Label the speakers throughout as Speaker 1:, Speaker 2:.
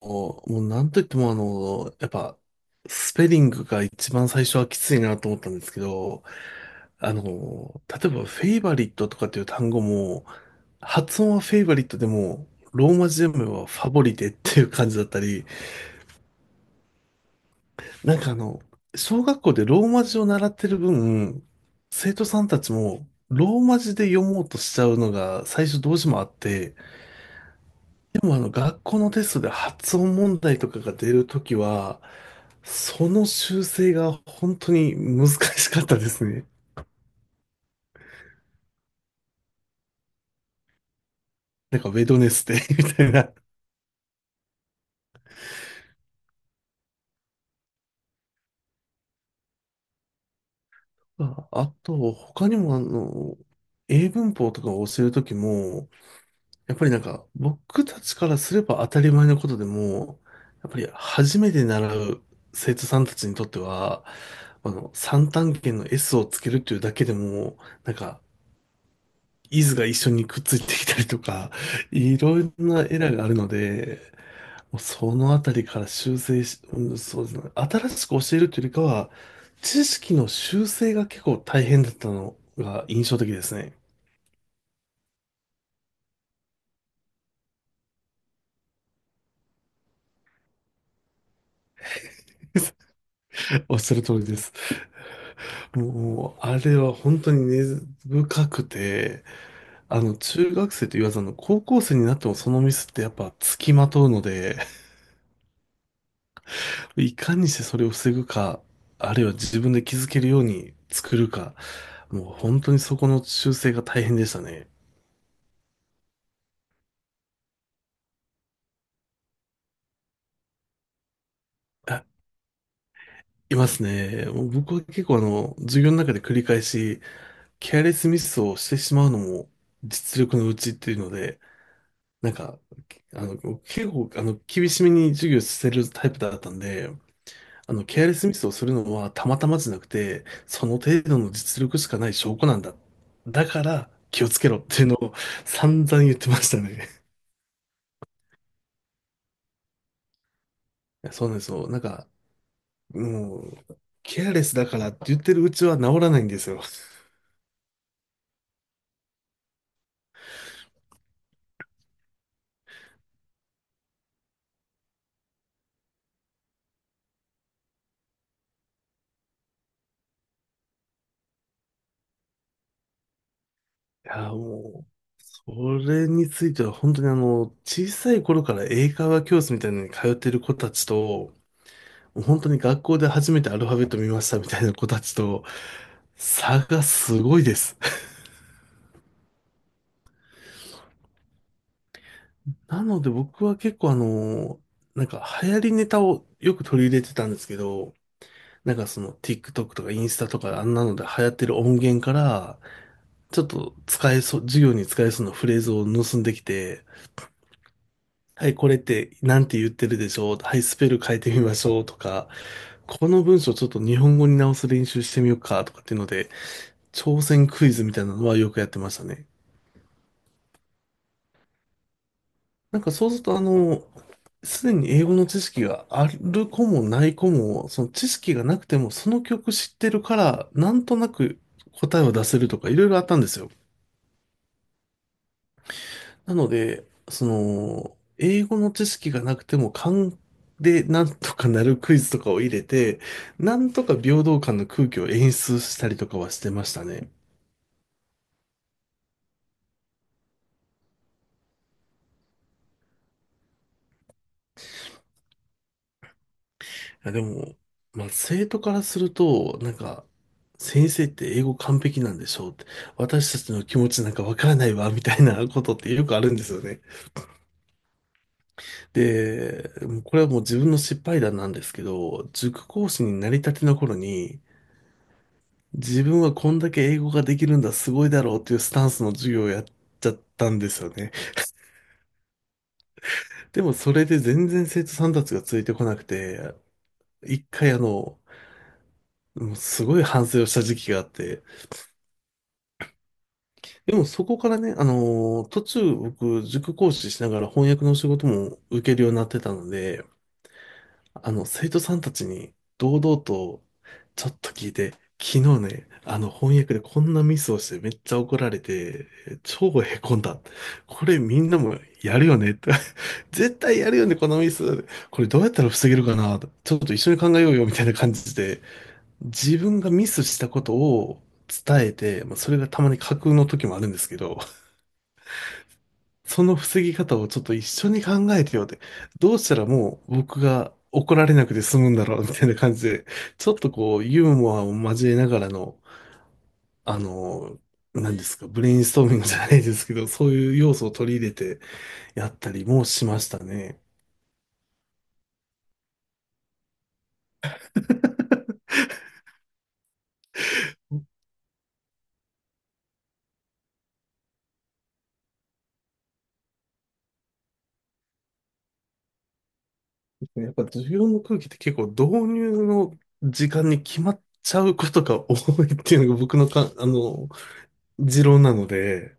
Speaker 1: もうなんといってもやっぱ、スペリングが一番最初はきついなと思ったんですけど、例えばフェイバリットとかっていう単語も、発音はフェイバリットでも、ローマ字読めばファボリテっていう感じだったり、なんかあの、小学校でローマ字を習ってる分、生徒さんたちも、ローマ字で読もうとしちゃうのが最初どうしてもあって、でも学校のテストで発音問題とかが出るときは、その修正が本当に難しかったですね。なんかウェドネスデー みたいな。まああと、他にも、英文法とかを教えるときも、やっぱりなんか僕たちからすれば当たり前のことでも、やっぱり初めて習う生徒さんたちにとっては、三単元の S をつけるっていうだけでも、なんか、イズが一緒にくっついてきたりとか、いろんなエラーがあるので、もうそのあたりから修正し、うん、そうですね。新しく教えるというよりかは、知識の修正が結構大変だったのが印象的ですね。おっしゃる通りです。もう、あれは本当に根深くて、中学生と言わず、高校生になってもそのミスってやっぱ付きまとうので、いかにしてそれを防ぐか、あるいは自分で気づけるように作るか、もう本当にそこの修正が大変でしたね。あ、いますね。もう僕は結構あの、授業の中で繰り返し、ケアレスミスをしてしまうのも実力のうちっていうので、なんか、あの、結構あの、厳しめに授業してるタイプだったんで、ケアレスミスをするのはたまたまじゃなくて、その程度の実力しかない証拠なんだ。だから気をつけろっていうのを散々言ってましたね。そうなんですよ。もう、ケアレスだからって言ってるうちは治らないんですよ。いや、もう、それについては本当に、小さい頃から英会話教室みたいなのに通ってる子たちと、もう本当に学校で初めてアルファベット見ましたみたいな子たちと、差がすごいです。なので僕は結構あの、なんか流行りネタをよく取り入れてたんですけど、なんかその TikTok とかインスタとかあんなので流行ってる音源から、ちょっと使えそう、授業に使えそうなフレーズを盗んできて、はい、これってなんて言ってるでしょう。はい、スペル変えてみましょうとか、この文章ちょっと日本語に直す練習してみようかとかっていうので、挑戦クイズみたいなのはよくやってましたね。なんかそうすると、すでに英語の知識がある子もない子も、その知識がなくてもその曲知ってるから、なんとなく答えを出せるとかいろいろあったんですよ。なので、その、英語の知識がなくても勘でなんとかなるクイズとかを入れて、なんとか平等感の空気を演出したりとかはしてましたね。いや、でも、まあ、生徒からすると、なんか、先生って英語完璧なんでしょうって、私たちの気持ちなんかわからないわ、みたいなことってよくあるんですよね。で、もうこれはもう自分の失敗談なんですけど、塾講師になりたての頃に、自分はこんだけ英語ができるんだ、すごいだろうっていうスタンスの授業をやっちゃったんですよね。でもそれで全然生徒さんたちがついてこなくて、一回あの、もうすごい反省をした時期があって、でもそこからね、途中僕、塾講師しながら翻訳の仕事も受けるようになってたので、生徒さんたちに堂々とちょっと聞いて、昨日ね、翻訳でこんなミスをしてめっちゃ怒られて、超へこんだ。これみんなもやるよねって。絶対やるよね、このミス。これどうやったら防げるかな。ちょっと一緒に考えようよみたいな感じで、自分がミスしたことを伝えて、まあ、それがたまに架空の時もあるんですけど、その防ぎ方をちょっと一緒に考えてよって、どうしたらもう僕が怒られなくて済むんだろうみたいな感じで、ちょっとこうユーモアを交えながらの、あの、何ですか、ブレインストーミングじゃないですけど、そういう要素を取り入れてやったりもしましたね。やっぱ授業の空気って結構導入の時間に決まっちゃうことが多いっていうのが僕のか、あの、持論なので、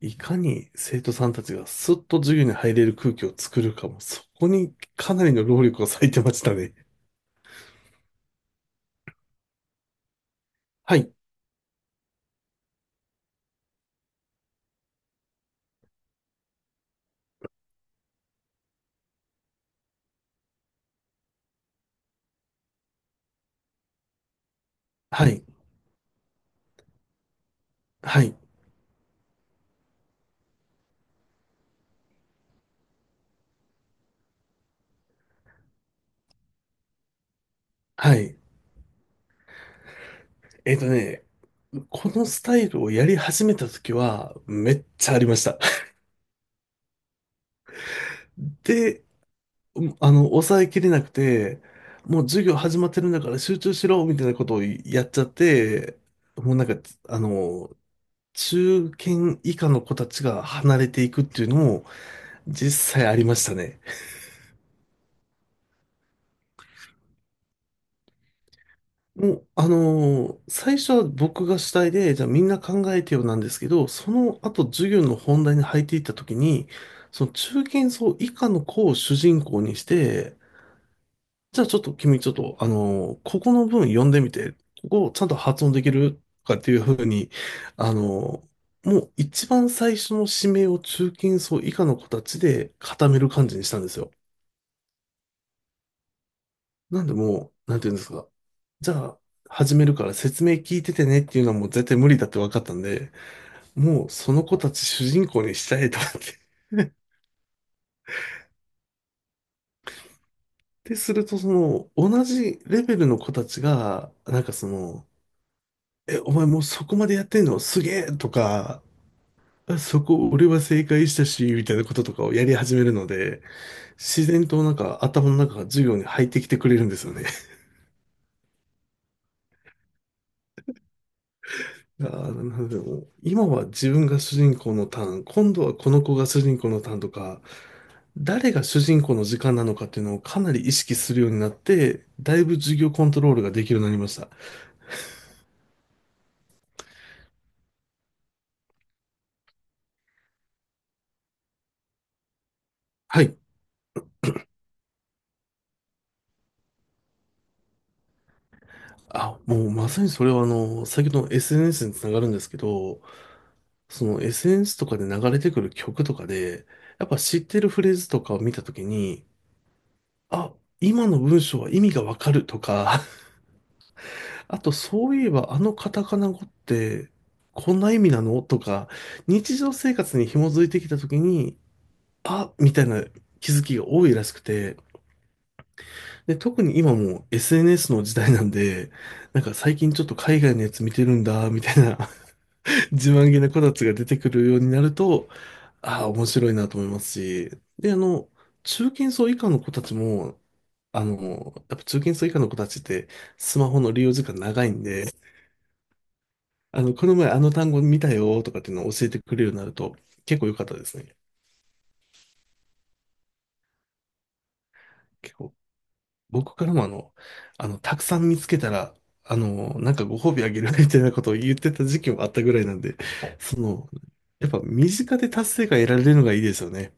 Speaker 1: いかに生徒さんたちがスッと授業に入れる空気を作るかも、そこにかなりの労力を割いてましたね。はい、はい、はい、はい。えっとね、このスタイルをやり始めた時は、めっちゃありました。で、抑えきれなくて、もう授業始まってるんだから集中しろ、みたいなことをやっちゃって、もうなんか、あの、中堅以下の子たちが離れていくっていうのも実際ありましたね。もう、最初は僕が主体で、じゃあみんな考えてよなんですけど、その後授業の本題に入っていった時に、その中堅層以下の子を主人公にして、じゃあちょっと君ちょっと、あのーここの文読んでみて、ここをちゃんと発音できるとかっていうふうに、あのーもう一番最初の指名を中堅層以下の子たちで固める感じにしたんですよ。なんでもう、なんていうんですか。じゃあ、始めるから説明聞いててねっていうのはもう絶対無理だって分かったんで、もうその子たち主人公にしたいと思って。で、するとその、同じレベルの子たちが、なんかその、え、お前もうそこまでやってんのすげえとか、あそこ俺は正解したし、みたいなこととかをやり始めるので、自然となんか頭の中が授業に入ってきてくれるんですよね。いやーなのでもう今は自分が主人公のターン、今度はこの子が主人公のターンとか、誰が主人公の時間なのかっていうのをかなり意識するようになって、だいぶ授業コントロールができるようになりました。はい。あ、もうまさにそれはあの、先ほどの SNS につながるんですけど、その SNS とかで流れてくる曲とかで、やっぱ知ってるフレーズとかを見たときに、あ、今の文章は意味がわかるとか、あと、そういえば、あのカタカナ語って、こんな意味なのとか、日常生活に紐づいてきたときに、あ、みたいな気づきが多いらしくて、で、特に今もう SNS の時代なんで、なんか最近ちょっと海外のやつ見てるんだ、みたいな 自慢げな子たちが出てくるようになると、ああ、面白いなと思いますし、で、中堅層以下の子たちも、やっぱ中堅層以下の子たちってスマホの利用時間長いんで、この前あの単語見たよとかっていうのを教えてくれるようになると結構良かったですね。結構、僕からも、たくさん見つけたら、なんかご褒美あげるみたいなことを言ってた時期もあったぐらいなんで、その、やっぱ身近で達成感得られるのがいいですよね。